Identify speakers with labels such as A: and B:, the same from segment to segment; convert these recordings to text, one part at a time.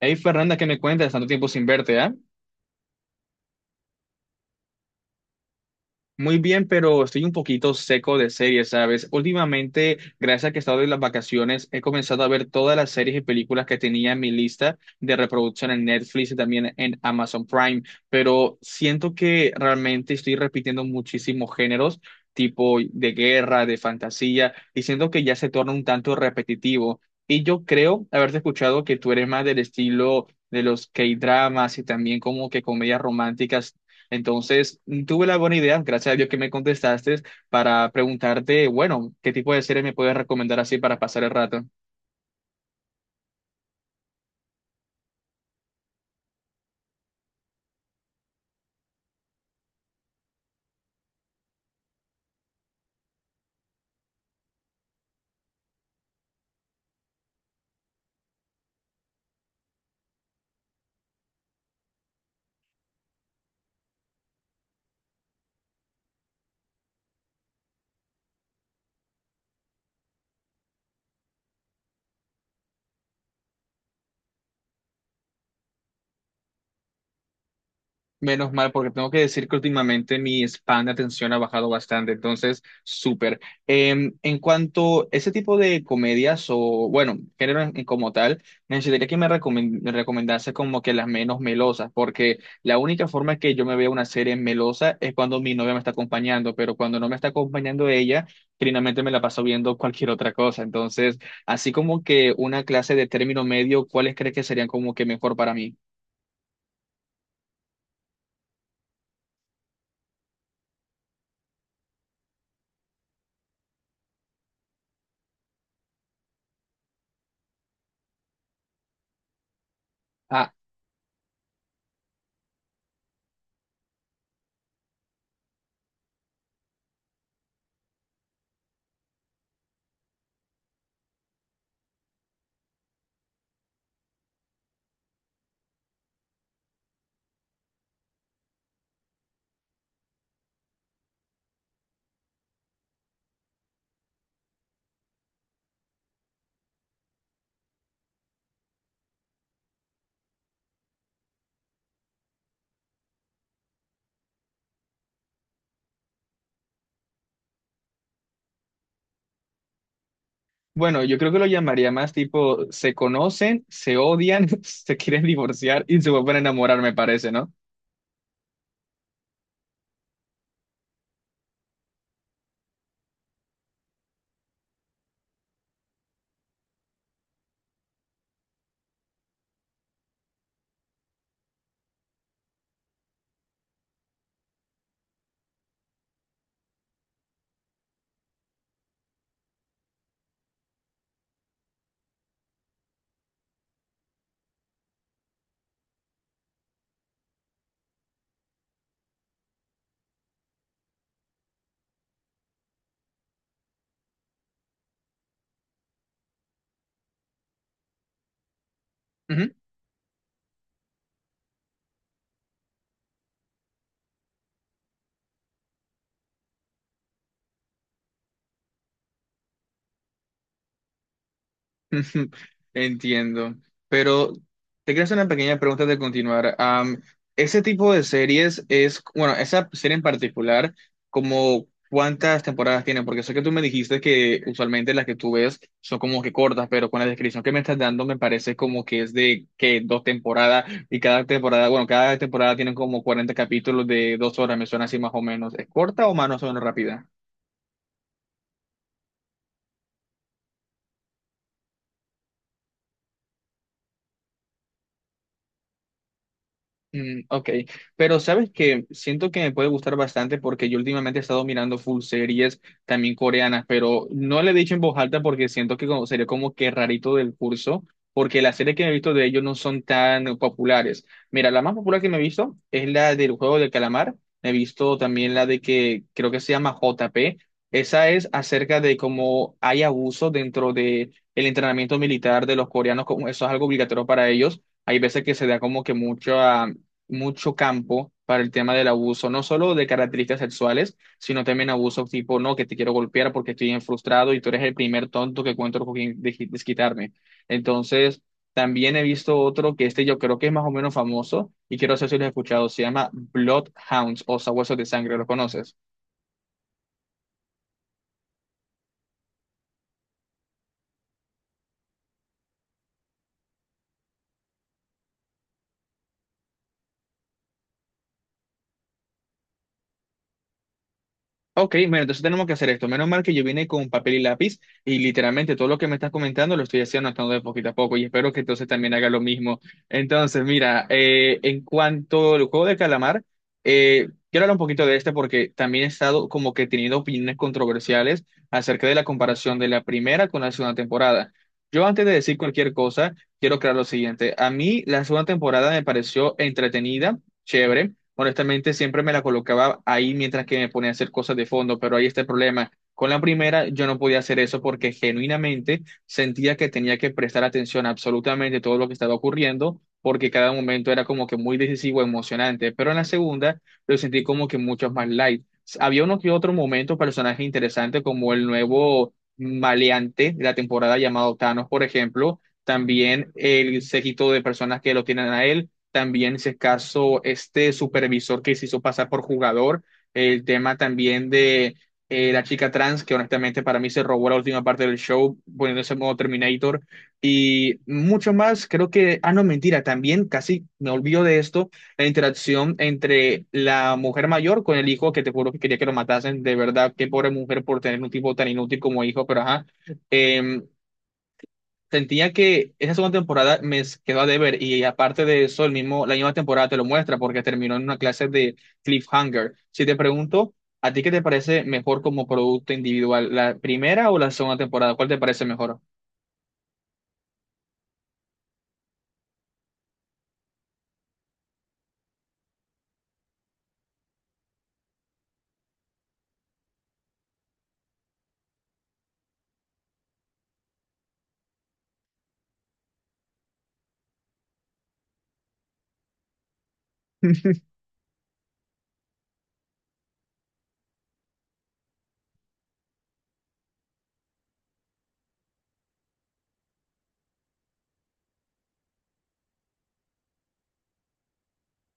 A: Hey Fernanda, ¿qué me cuentas? Tanto tiempo sin verte, ¿ah? Muy bien, pero estoy un poquito seco de series, ¿sabes? Últimamente, gracias a que he estado en las vacaciones, he comenzado a ver todas las series y películas que tenía en mi lista de reproducción en Netflix y también en Amazon Prime, pero siento que realmente estoy repitiendo muchísimos géneros, tipo de guerra, de fantasía, y siento que ya se torna un tanto repetitivo. Y yo creo haberte escuchado que tú eres más del estilo de los K-dramas y también como que comedias románticas entonces, tuve la buena idea, gracias a Dios que me contestaste, para preguntarte, bueno, ¿qué tipo de serie me puedes recomendar así para pasar el rato? Menos mal, porque tengo que decir que últimamente mi span de atención ha bajado bastante, entonces, súper. En cuanto a ese tipo de comedias o, bueno, género como tal, necesitaría que me, me recomendase como que las menos melosas, porque la única forma que yo me vea una serie melosa es cuando mi novia me está acompañando, pero cuando no me está acompañando ella, finalmente me la paso viendo cualquier otra cosa. Entonces, así como que una clase de término medio, ¿cuáles crees que serían como que mejor para mí? Bueno, yo creo que lo llamaría más tipo, se conocen, se odian, se quieren divorciar y se vuelven a enamorar, me parece, ¿no? Ujú. Entiendo. Pero te quiero hacer una pequeña pregunta de continuar. Ese tipo de series es, bueno, esa serie en particular, como cuántas temporadas tiene, porque sé que tú me dijiste que usualmente las que tú ves son como que cortas, pero con la descripción que me estás dando me parece como que es de que dos temporadas y cada temporada, bueno, cada temporada tiene como 40 capítulos de dos horas, me suena así más o menos. ¿Es corta o más o menos rápida? Ok, pero sabes que siento que me puede gustar bastante porque yo últimamente he estado mirando full series también coreanas, pero no le he dicho en voz alta porque siento que sería como que rarito del curso, porque las series que me he visto de ellos no son tan populares. Mira, la más popular que me he visto es la del juego del calamar, me he visto también la de que creo que se llama JP, esa es acerca de cómo hay abuso dentro de el entrenamiento militar de los coreanos, como eso es algo obligatorio para ellos. Hay veces que se da como que mucho campo para el tema del abuso, no solo de características sexuales, sino también abuso tipo, no, que te quiero golpear porque estoy bien frustrado y tú eres el primer tonto que encuentro con quien desquitarme. Entonces, también he visto otro que este yo creo que es más o menos famoso y quiero saber si lo has escuchado, se llama Bloodhounds o Sabuesos de Sangre, ¿lo conoces? Ok, bueno, entonces tenemos que hacer esto. Menos mal que yo vine con papel y lápiz y literalmente todo lo que me estás comentando lo estoy haciendo anotando de poquito a poco y espero que entonces también haga lo mismo. Entonces, mira, en cuanto al juego de calamar, quiero hablar un poquito de este porque también he estado como que teniendo opiniones controversiales acerca de la comparación de la primera con la segunda temporada. Yo antes de decir cualquier cosa, quiero aclarar lo siguiente. A mí la segunda temporada me pareció entretenida, chévere honestamente siempre me la colocaba ahí mientras que me ponía a hacer cosas de fondo, pero ahí está el problema. Con la primera yo no podía hacer eso porque genuinamente sentía que tenía que prestar atención a absolutamente todo lo que estaba ocurriendo, porque cada momento era como que muy decisivo, emocionante, pero en la segunda lo sentí como que mucho más light. Había uno que otro momento, personaje interesante como el nuevo maleante de la temporada llamado Thanos, por ejemplo, también el séquito de personas que lo tienen a él, también si es caso este supervisor que se hizo pasar por jugador, el tema también de la chica trans, que honestamente para mí se robó la última parte del show poniéndose en modo Terminator y mucho más, creo que, ah no, mentira, también casi me olvido de esto, la interacción entre la mujer mayor con el hijo, que te juro que quería que lo matasen, de verdad, qué pobre mujer por tener un tipo tan inútil como hijo, pero ajá. Em, Sentía que esa segunda temporada me quedó a deber y aparte de eso, el mismo, la misma temporada te lo muestra porque terminó en una clase de cliffhanger. Si te pregunto, ¿a ti qué te parece mejor como producto individual, la primera o la segunda temporada? ¿Cuál te parece mejor?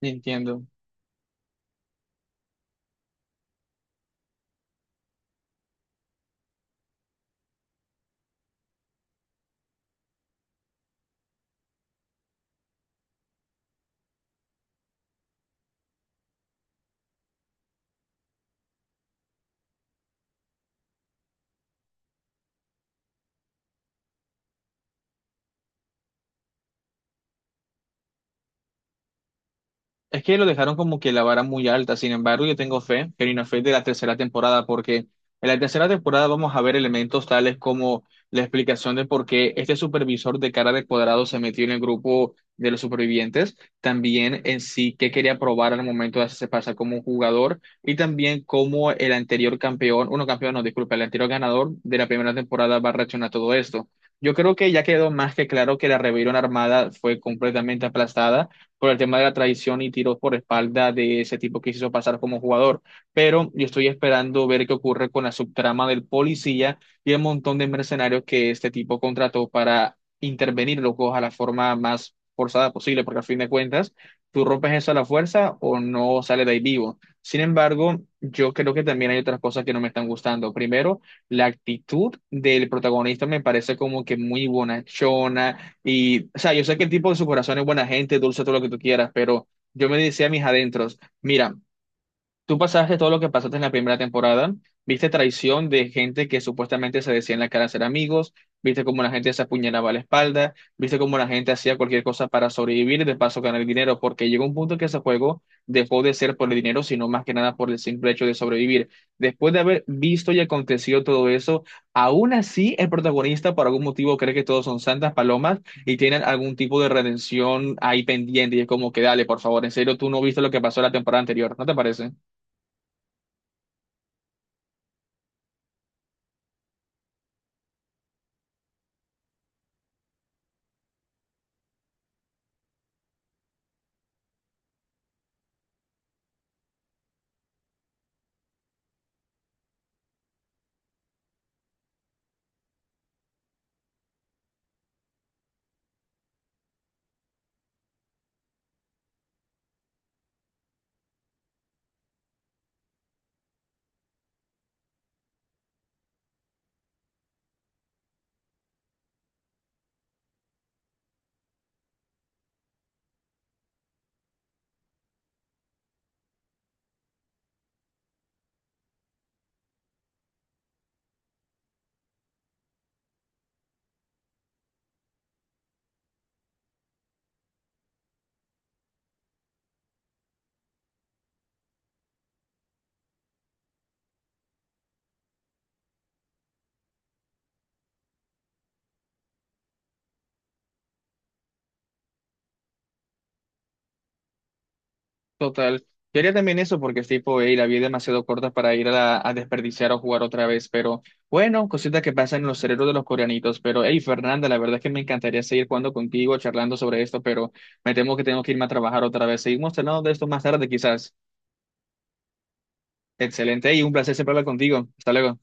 A: Entiendo. Es que lo dejaron como que la vara muy alta, sin embargo, yo tengo fe, pero una fe de la tercera temporada, porque en la tercera temporada vamos a ver elementos tales como la explicación de por qué este supervisor de cara de cuadrado se metió en el grupo de los supervivientes, también en sí qué quería probar al momento de hacerse pasar como un jugador, y también cómo el anterior campeón, uno campeón, no, disculpa, el anterior ganador de la primera temporada va a reaccionar a todo esto. Yo creo que ya quedó más que claro que la rebelión armada fue completamente aplastada por el tema de la traición y tiros por espalda de ese tipo que se hizo pasar como jugador. Pero yo estoy esperando ver qué ocurre con la subtrama del policía y el montón de mercenarios que este tipo contrató para intervenir, locos, a la forma más forzada posible, porque a fin de cuentas, tú rompes eso a la fuerza o no sales de ahí vivo. Sin embargo, yo creo que también hay otras cosas que no me están gustando. Primero, la actitud del protagonista me parece como que muy bonachona, y, o sea, yo sé que el tipo en su corazón es buena gente, dulce, todo lo que tú quieras, pero yo me decía a mis adentros, mira, tú pasaste todo lo que pasaste en la primera temporada, viste traición de gente que supuestamente se decía en la cara ser amigos, viste cómo la gente se apuñalaba a la espalda, viste cómo la gente hacía cualquier cosa para sobrevivir y de paso ganar dinero, porque llegó un punto que ese juego dejó de ser por el dinero, sino más que nada por el simple hecho de sobrevivir. Después de haber visto y acontecido todo eso, aún así el protagonista por algún motivo cree que todos son santas palomas y tienen algún tipo de redención ahí pendiente y es como que dale, por favor, en serio, tú no viste lo que pasó la temporada anterior, ¿no te parece? Total. Yo haría también eso porque es tipo, "Ey, la vida es demasiado corta para ir a, a desperdiciar o jugar otra vez". Pero bueno, cositas que pasan en los cerebros de los coreanitos. Pero hey, Fernanda, la verdad es que me encantaría seguir jugando contigo, charlando sobre esto, pero me temo que tengo que irme a trabajar otra vez. Seguimos hablando de esto más tarde, quizás. Excelente y un placer siempre hablar contigo. Hasta luego.